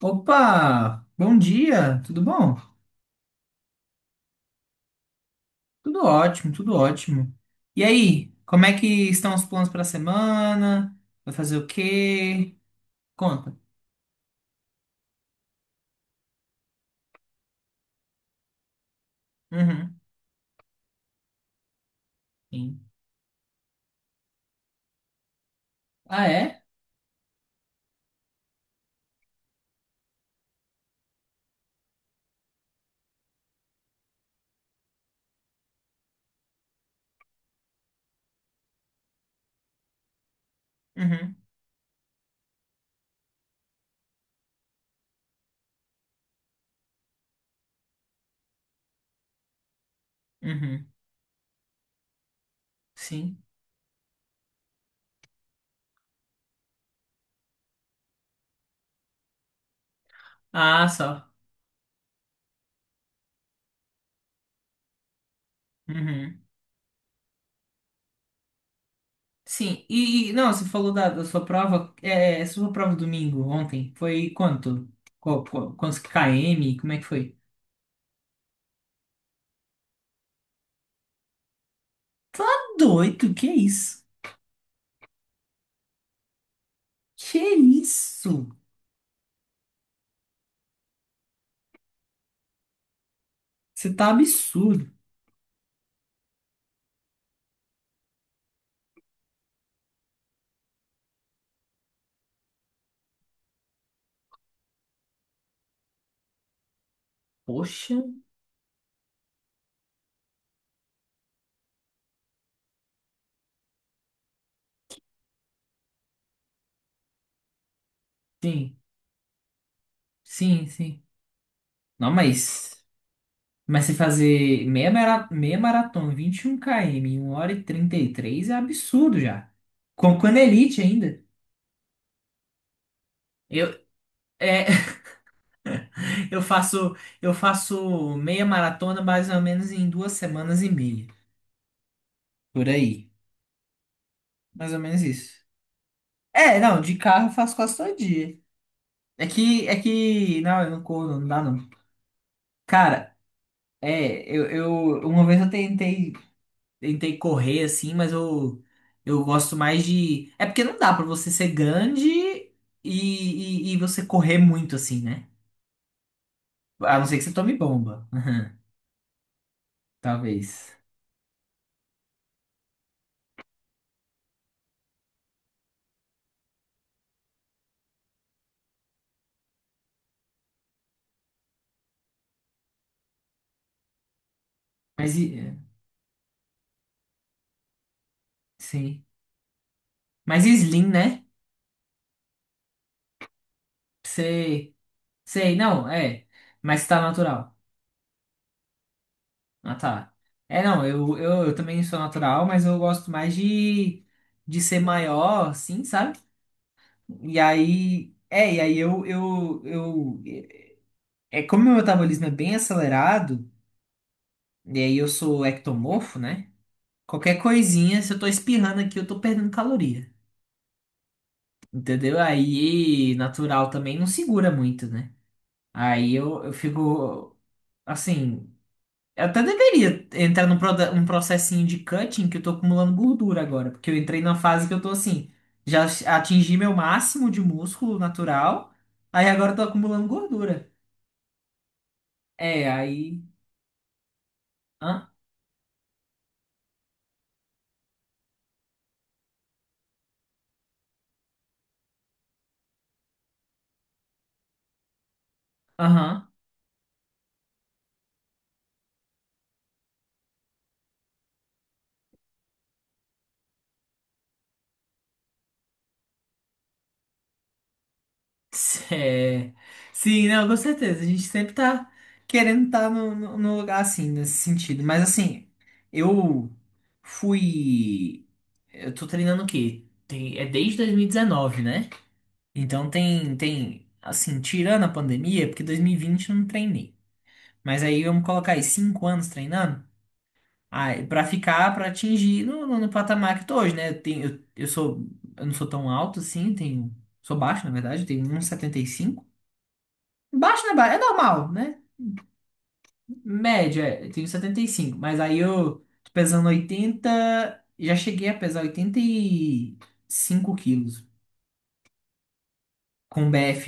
Opa, bom dia, tudo bom? Tudo ótimo, tudo ótimo. E aí, como é que estão os planos para a semana? Vai fazer o quê? Conta. Uhum, sim. Ah, é? Uhum, uhum, sim. Ah, só. Uhum. Sim, não, você falou da sua prova, sua prova domingo, ontem, foi quanto? Quantos km? Como é que foi? Tá doido, que isso? Que isso? Você tá absurdo. Poxa. Sim, sim, sim. Não, mas se fazer meia maratona, 21 km, 1h33 é absurdo já. Com elite ainda. Eu, é, eu faço, eu faço meia maratona mais ou menos em 2 semanas e meia. Por aí. Mais ou menos isso. É, não, de carro eu faço quase todo dia. Não, eu não corro, não dá não. Cara, é, eu, eu, uma vez eu tentei. Tentei correr assim, mas eu gosto mais de. É porque não dá pra você ser grande e você correr muito assim, né? A não ser que você tome bomba, né? Talvez. Mas sim. Mas e slim, né? Sei, sei, não, é. Mas tá natural. Ah, tá. É, não, eu também sou natural, mas eu gosto mais de ser maior, assim, sabe? E aí. É, e aí eu. É como meu metabolismo é bem acelerado. E aí eu sou ectomorfo, né? Qualquer coisinha, se eu tô espirrando aqui, eu tô perdendo caloria. Entendeu? Aí natural também não segura muito, né? Aí eu fico assim. Eu até deveria entrar um processinho de cutting que eu tô acumulando gordura agora. Porque eu entrei na fase que eu tô assim. Já atingi meu máximo de músculo natural. Aí agora eu tô acumulando gordura. É, aí. Hã? Aham. É. Sim, não, com certeza. A gente sempre tá querendo estar no lugar assim, nesse sentido. Mas assim, eu fui. Eu tô treinando o quê? É desde 2019, né? Então assim, tirando a pandemia, porque 2020 eu não treinei. Mas aí vamos colocar aí 5 anos treinando, aí, pra atingir no patamar que eu tô hoje, né? Eu, tenho, eu sou, Eu não sou tão alto assim, sou baixo, na verdade, eu tenho 1,75 m. Baixo não é baixo, é normal, né? Média, eu tenho 75, mas aí eu tô pesando oitenta. Já cheguei a pesar 85 quilos. Com BF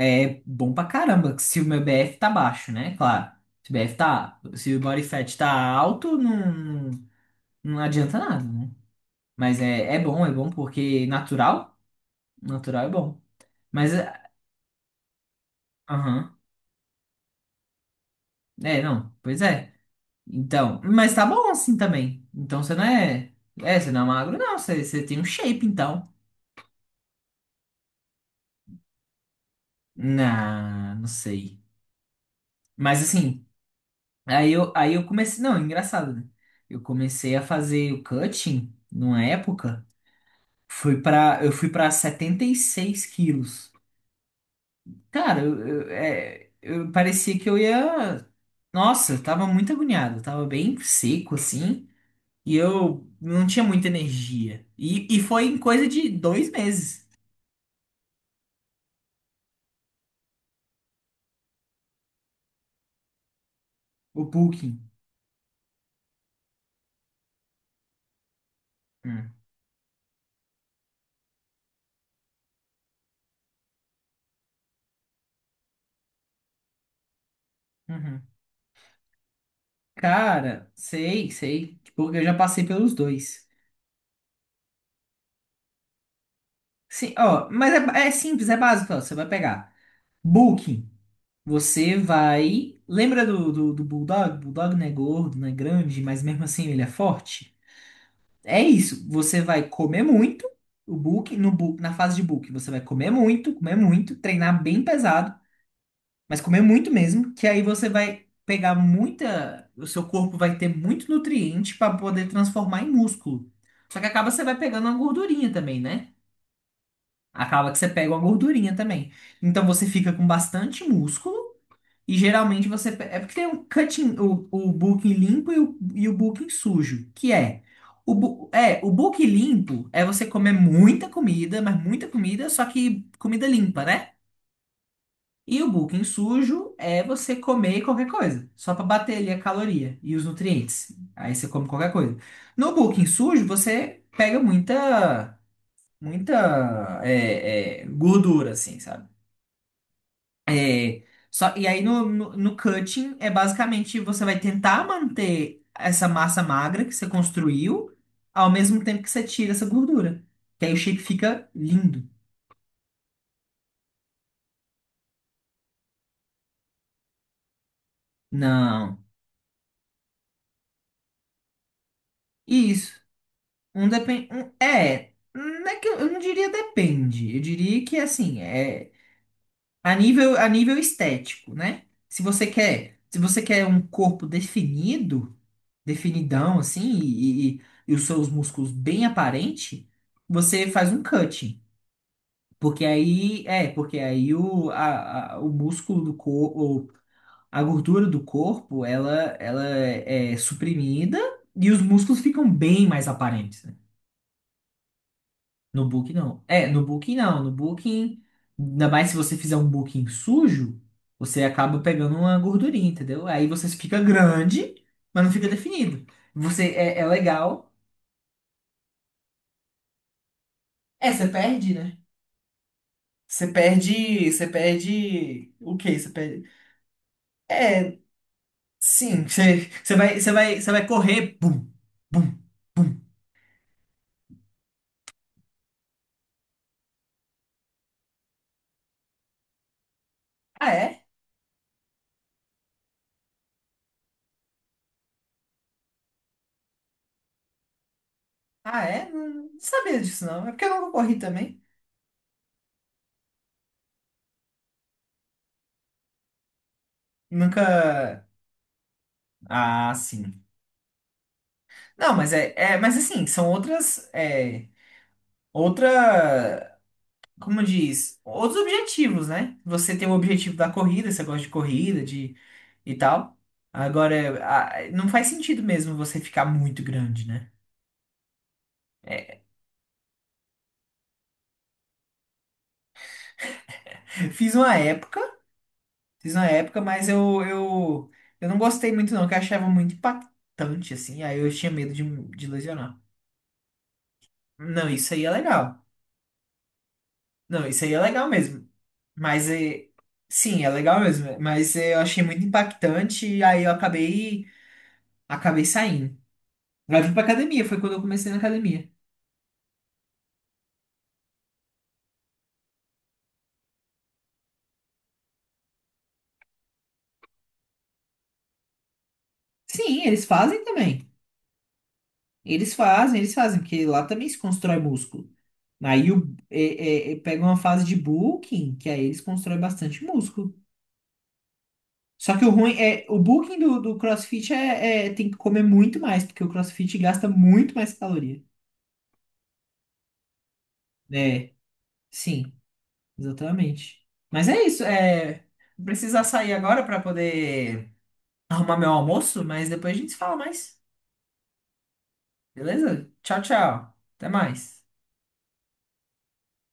é bom pra caramba, se o meu BF tá baixo, né? Claro. Se o body fat tá alto, não, não adianta nada, né? Mas é bom porque natural é bom. Mas, aham. É, não, pois é. Então, mas tá bom assim também. Então você não é. É, você não é magro, não. Você tem um shape, então. Não, não sei. Mas assim, aí eu comecei. Não, engraçado, né? Eu comecei a fazer o cutting numa época. Eu fui pra 76 quilos. Cara, eu parecia que eu ia. Nossa, eu tava muito agoniado. Eu tava bem seco, assim. E eu não tinha muita energia. E foi em coisa de 2 meses. O Booking. Hum, uhum. Cara, sei, sei. Tipo, eu já passei pelos dois. Sim, ó, mas é simples, é básico, ó. Você vai pegar Booking. Você vai. Lembra do Bulldog? Bulldog não é gordo, não é grande, mas mesmo assim ele é forte. É isso. Você vai comer muito. O Booking, no, bu- na fase de Booking, você vai comer muito, treinar bem pesado. Mas comer muito mesmo, que aí você vai pegar muita. O seu corpo vai ter muito nutriente para poder transformar em músculo. Só que acaba você vai pegando uma gordurinha também, né? Acaba que você pega uma gordurinha também. Então você fica com bastante músculo e geralmente você. É porque tem um cutting, o bulking limpo e e o bulking sujo, que é. O bulking limpo é você comer muita comida, mas muita comida, só que comida limpa, né? E o bulking sujo é você comer qualquer coisa, só para bater ali a caloria e os nutrientes. Aí você come qualquer coisa. No bulking sujo, você pega muita, muita gordura, assim, sabe? É, só, e aí no cutting, é basicamente você vai tentar manter essa massa magra que você construiu, ao mesmo tempo que você tira essa gordura. Que aí o shape fica lindo. Não. Isso. Um depende. Não é que eu não diria depende. Eu diria que assim, é a nível estético, né? Se você quer um corpo definido, definidão, assim, e os seus músculos bem aparente, você faz um cutting. Porque aí, porque aí o músculo do corpo, a gordura do corpo, ela é suprimida e os músculos ficam bem mais aparentes. No Booking não. É, no Booking não. No Booking, ainda mais se você fizer um Booking sujo, você acaba pegando uma gordurinha, entendeu? Aí você fica grande, mas não fica definido. Você é legal. É, você perde, né? Você perde o quê? Você perde. É, sim, você vai correr, bum, bum. Ah, é? Ah, é? Não, não sabia disso não. É porque eu nunca corri também. Nunca. Ah, sim. Não, mas mas assim, são outras. Outra, como diz, outros objetivos, né? Você tem o objetivo da corrida, você gosta de corrida, de e tal. Agora, não faz sentido mesmo você ficar muito grande, né? Fiz uma época, Fiz uma época, mas eu não gostei muito não, que eu achava muito impactante, assim, aí eu tinha medo de lesionar. Não, isso aí é legal. Não, isso aí é legal mesmo. Mas, sim, é legal mesmo, mas eu achei muito impactante e aí eu acabei saindo. Vai vir pra academia, foi quando eu comecei na academia. Sim, eles fazem também. Eles fazem, porque lá também se constrói músculo. Aí o, é- é- é- pega uma fase de bulking, que aí eles constroem bastante músculo. Só que o ruim é, o bulking do CrossFit tem que comer muito mais, porque o CrossFit gasta muito mais caloria. É, sim, exatamente. Mas é isso, vou precisar sair agora para poder arrumar meu almoço, mas depois a gente se fala mais, beleza? Tchau, tchau. Até mais.